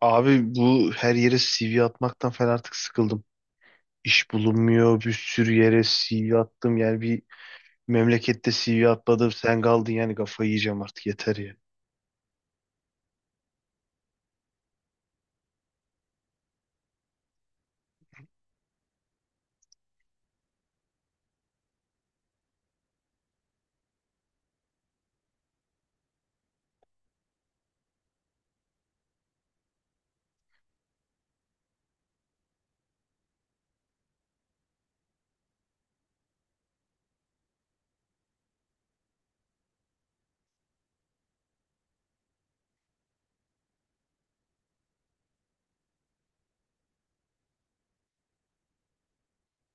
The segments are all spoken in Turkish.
Abi bu her yere CV atmaktan falan artık sıkıldım. İş bulunmuyor, bir sürü yere CV attım. Yani bir memlekette CV atmadım, sen kaldın yani kafayı yiyeceğim artık yeter ya.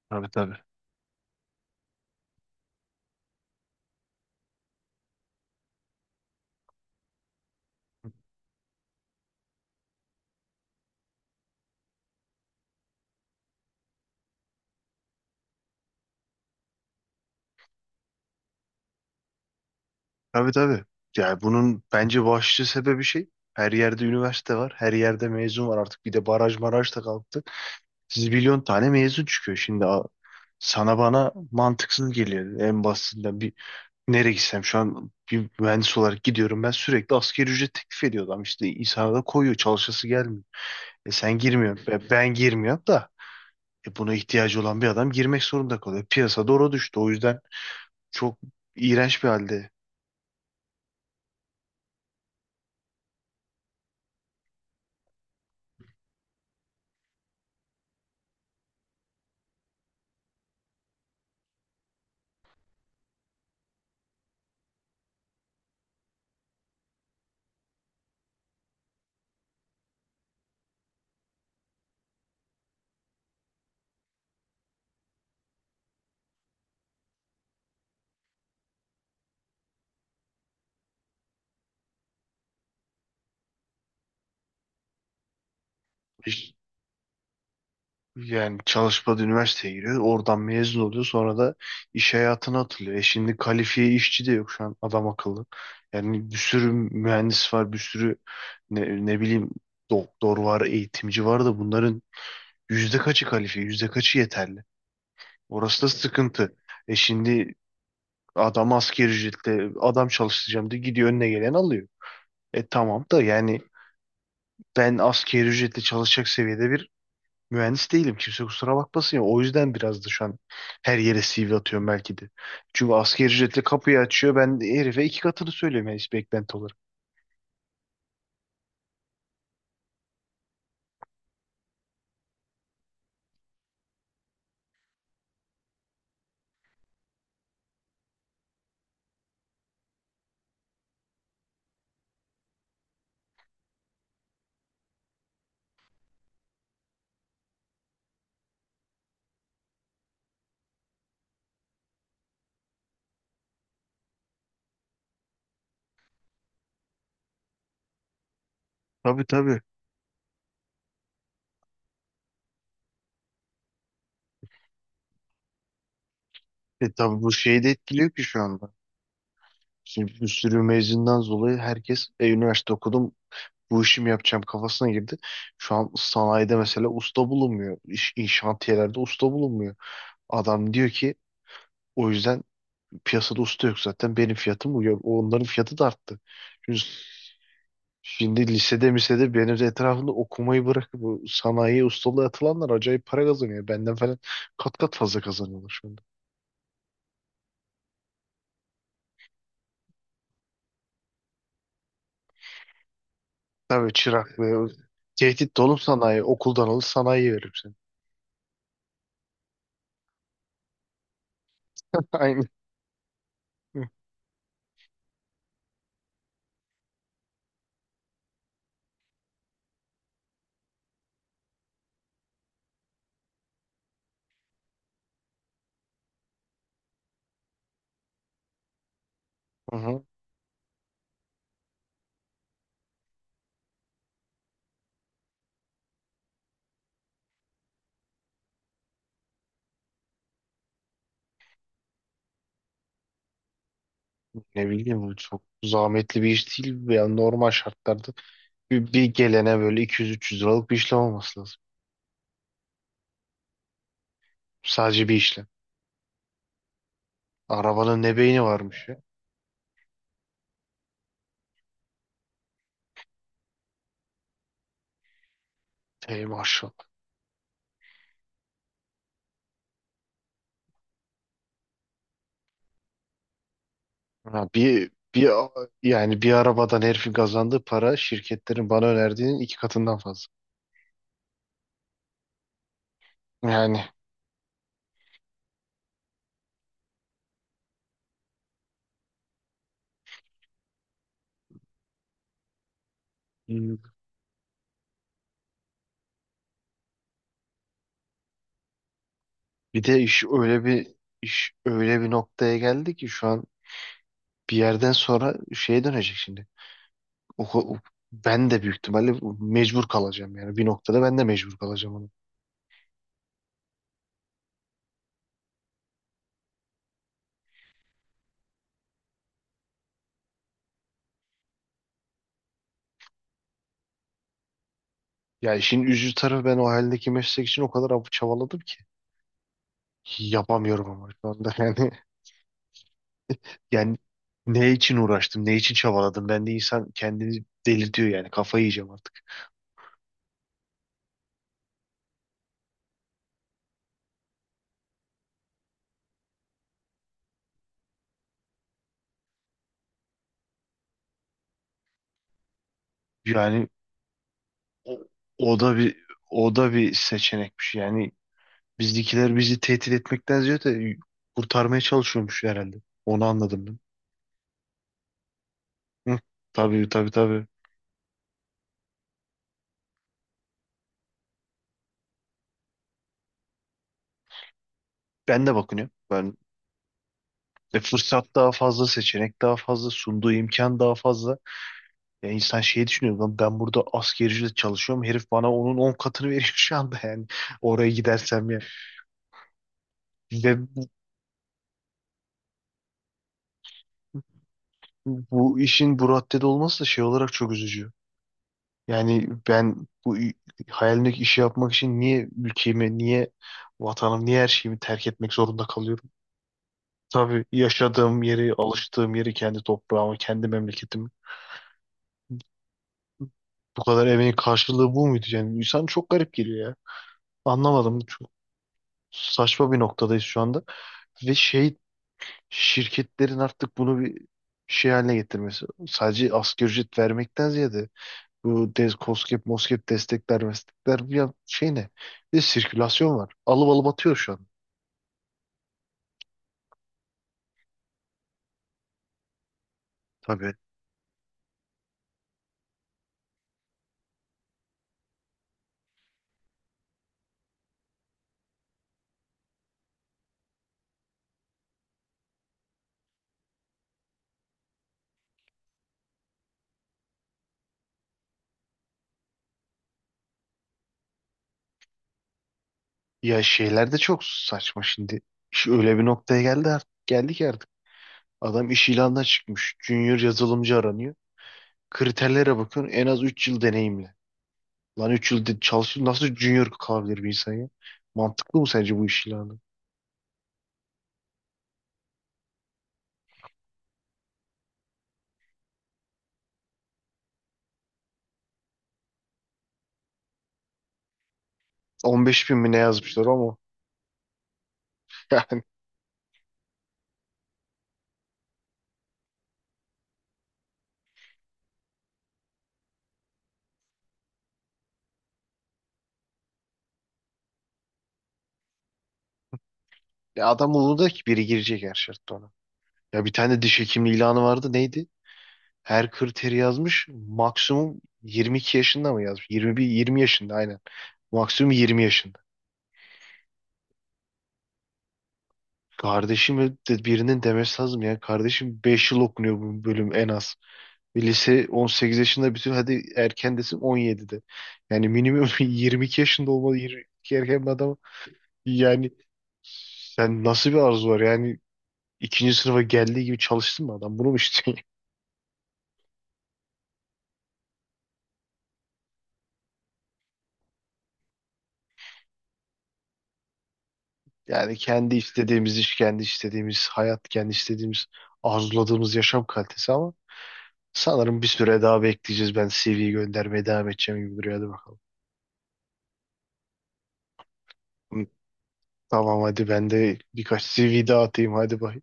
Tabii tabii. Tabii tabii. Yani bunun bence başlıca sebebi şey. Her yerde üniversite var, her yerde mezun var artık. Bir de baraj maraj da kalktı. Siz milyon tane mezun çıkıyor şimdi. Sana bana mantıksız geliyor en basitinden. Nereye gitsem şu an bir mühendis olarak gidiyorum. Ben sürekli asgari ücret teklif ediyor adam. İşte insana da koyuyor. Çalışası gelmiyor. E sen girmiyorsun. Ben girmiyorum da. E buna ihtiyacı olan bir adam girmek zorunda kalıyor. Piyasa doğru düştü. O yüzden çok iğrenç bir halde. İş- Yani çalışmadı üniversiteye giriyor. Oradan mezun oluyor. Sonra da iş hayatına atılıyor. E şimdi kalifiye işçi de yok şu an adam akıllı. Yani bir sürü mühendis var. Bir sürü ne bileyim doktor var, eğitimci var da bunların yüzde kaçı kalifiye, yüzde kaçı yeterli? Orası da sıkıntı. E şimdi adam asgari ücretle adam çalıştıracağım diye gidiyor önüne gelen alıyor. E tamam da yani ben asgari ücretle çalışacak seviyede bir mühendis değilim. Kimse kusura bakmasın ya. O yüzden biraz da şu an her yere CV atıyorum belki de. Çünkü asgari ücretle kapıyı açıyor. Ben de herife 2 katını söylüyorum yani beklenti olarak. Tabii tabii. E tabii bu şeyi de etkiliyor ki şu anda. Şimdi bir sürü mezundan dolayı herkes üniversite okudum bu işi yapacağım kafasına girdi. Şu an sanayide mesela usta bulunmuyor. İnşaatiyelerde usta bulunmuyor. Adam diyor ki o yüzden piyasada usta yok zaten benim fiyatım bu. Yok, onların fiyatı da arttı. Çünkü şimdi lisede misede benim de etrafımda okumayı bırakıp bu sanayiye ustalığa atılanlar acayip para kazanıyor. Benden falan kat kat fazla kazanıyorlar şu anda. Tabii çırak ve tehdit dolum sanayi okuldan alır sanayiye verir seni. Aynen. Hı hı. Ne bileyim çok zahmetli bir iş değil. Yani normal şartlarda bir gelene böyle 200-300 liralık bir işlem olması lazım. Sadece bir işlem. Arabanın ne beyni varmış ya. Ey maşallah. Ha, yani bir arabadan herifin kazandığı para şirketlerin bana önerdiğinin 2 katından fazla. Yani bir de iş öyle bir noktaya geldi ki şu an bir yerden sonra şeye dönecek şimdi. O, o- Ben de büyük ihtimalle mecbur kalacağım yani bir noktada ben de mecbur kalacağım ona. Ya işin üzücü tarafı ben o haldeki meslek için o kadar çabaladım ki. Yapamıyorum ama şu anda yani. Yani ne için uğraştım, ne için çabaladım? Ben de insan kendini delirtiyor yani. Kafayı yiyeceğim artık. Yani o, o da bir o da bir seçenekmiş. Yani bizdekiler bizi tehdit etmekten ziyade kurtarmaya çalışıyormuş herhalde. Onu anladım ben. Hı, tabii tabii tabii. Ben de bakınıyorum. Ben fırsat daha fazla, seçenek daha fazla, sunduğu imkan daha fazla. Ya insan şey düşünüyor lan ben burada askerciyle çalışıyorum herif bana onun 10 katını veriyor şu anda yani oraya gidersem ya. Ve bu işin bu raddede olması da şey olarak çok üzücü. Yani ben hayalimdeki işi yapmak için niye ülkemi, niye vatanım, niye her şeyimi terk etmek zorunda kalıyorum? Tabii yaşadığım yeri, alıştığım yeri, kendi toprağımı, kendi memleketimi. Bu kadar emeğin karşılığı bu muydu? Yani insan çok garip geliyor ya. Anlamadım. Çok saçma bir noktadayız şu anda. Ve şey şirketlerin artık bunu bir şey haline getirmesi. Sadece asgari ücret vermekten ziyade bu DES, KOSGEB, MOSGEB destekler, meslekler bir şey ne? Bir de sirkülasyon var. Alıp alıp atıyor şu an. Tabii. Ya şeyler de çok saçma şimdi. İş öyle bir noktaya geldi artık. Geldi ki artık. Adam iş ilanına çıkmış. Junior yazılımcı aranıyor. Kriterlere bakın en az 3 yıl deneyimli. Lan 3 yıl çalışıyor. Nasıl junior kalabilir bir insan ya? Mantıklı mı sence bu iş ilanı? 15 bin mi ne yazmışlar ama. Ya adam umurunda ki biri girecek her şartta ona. Ya bir tane diş hekimi ilanı vardı neydi? Her kriteri yazmış maksimum 22 yaşında mı yazmış? 21, 20 yaşında aynen. Maksimum 20 yaşında. Kardeşim de birinin demesi lazım ya. Kardeşim 5 yıl okunuyor bu bölüm en az. Bir lise 18 yaşında bütün hadi erken desin 17'de. Yani minimum 22 yaşında olmalı. 22 erken bir adam. Yani sen nasıl bir arzu var yani ikinci sınıfa geldiği gibi çalıştın mı adam? Bunu mu istiyorsun? Yani kendi istediğimiz iş, kendi istediğimiz hayat, kendi istediğimiz arzuladığımız yaşam kalitesi ama sanırım bir süre daha bekleyeceğiz. Ben CV'yi göndermeye devam edeceğim gibi duruyor. Hadi bakalım. Hı, tamam hadi ben de birkaç CV daha atayım. Hadi bay.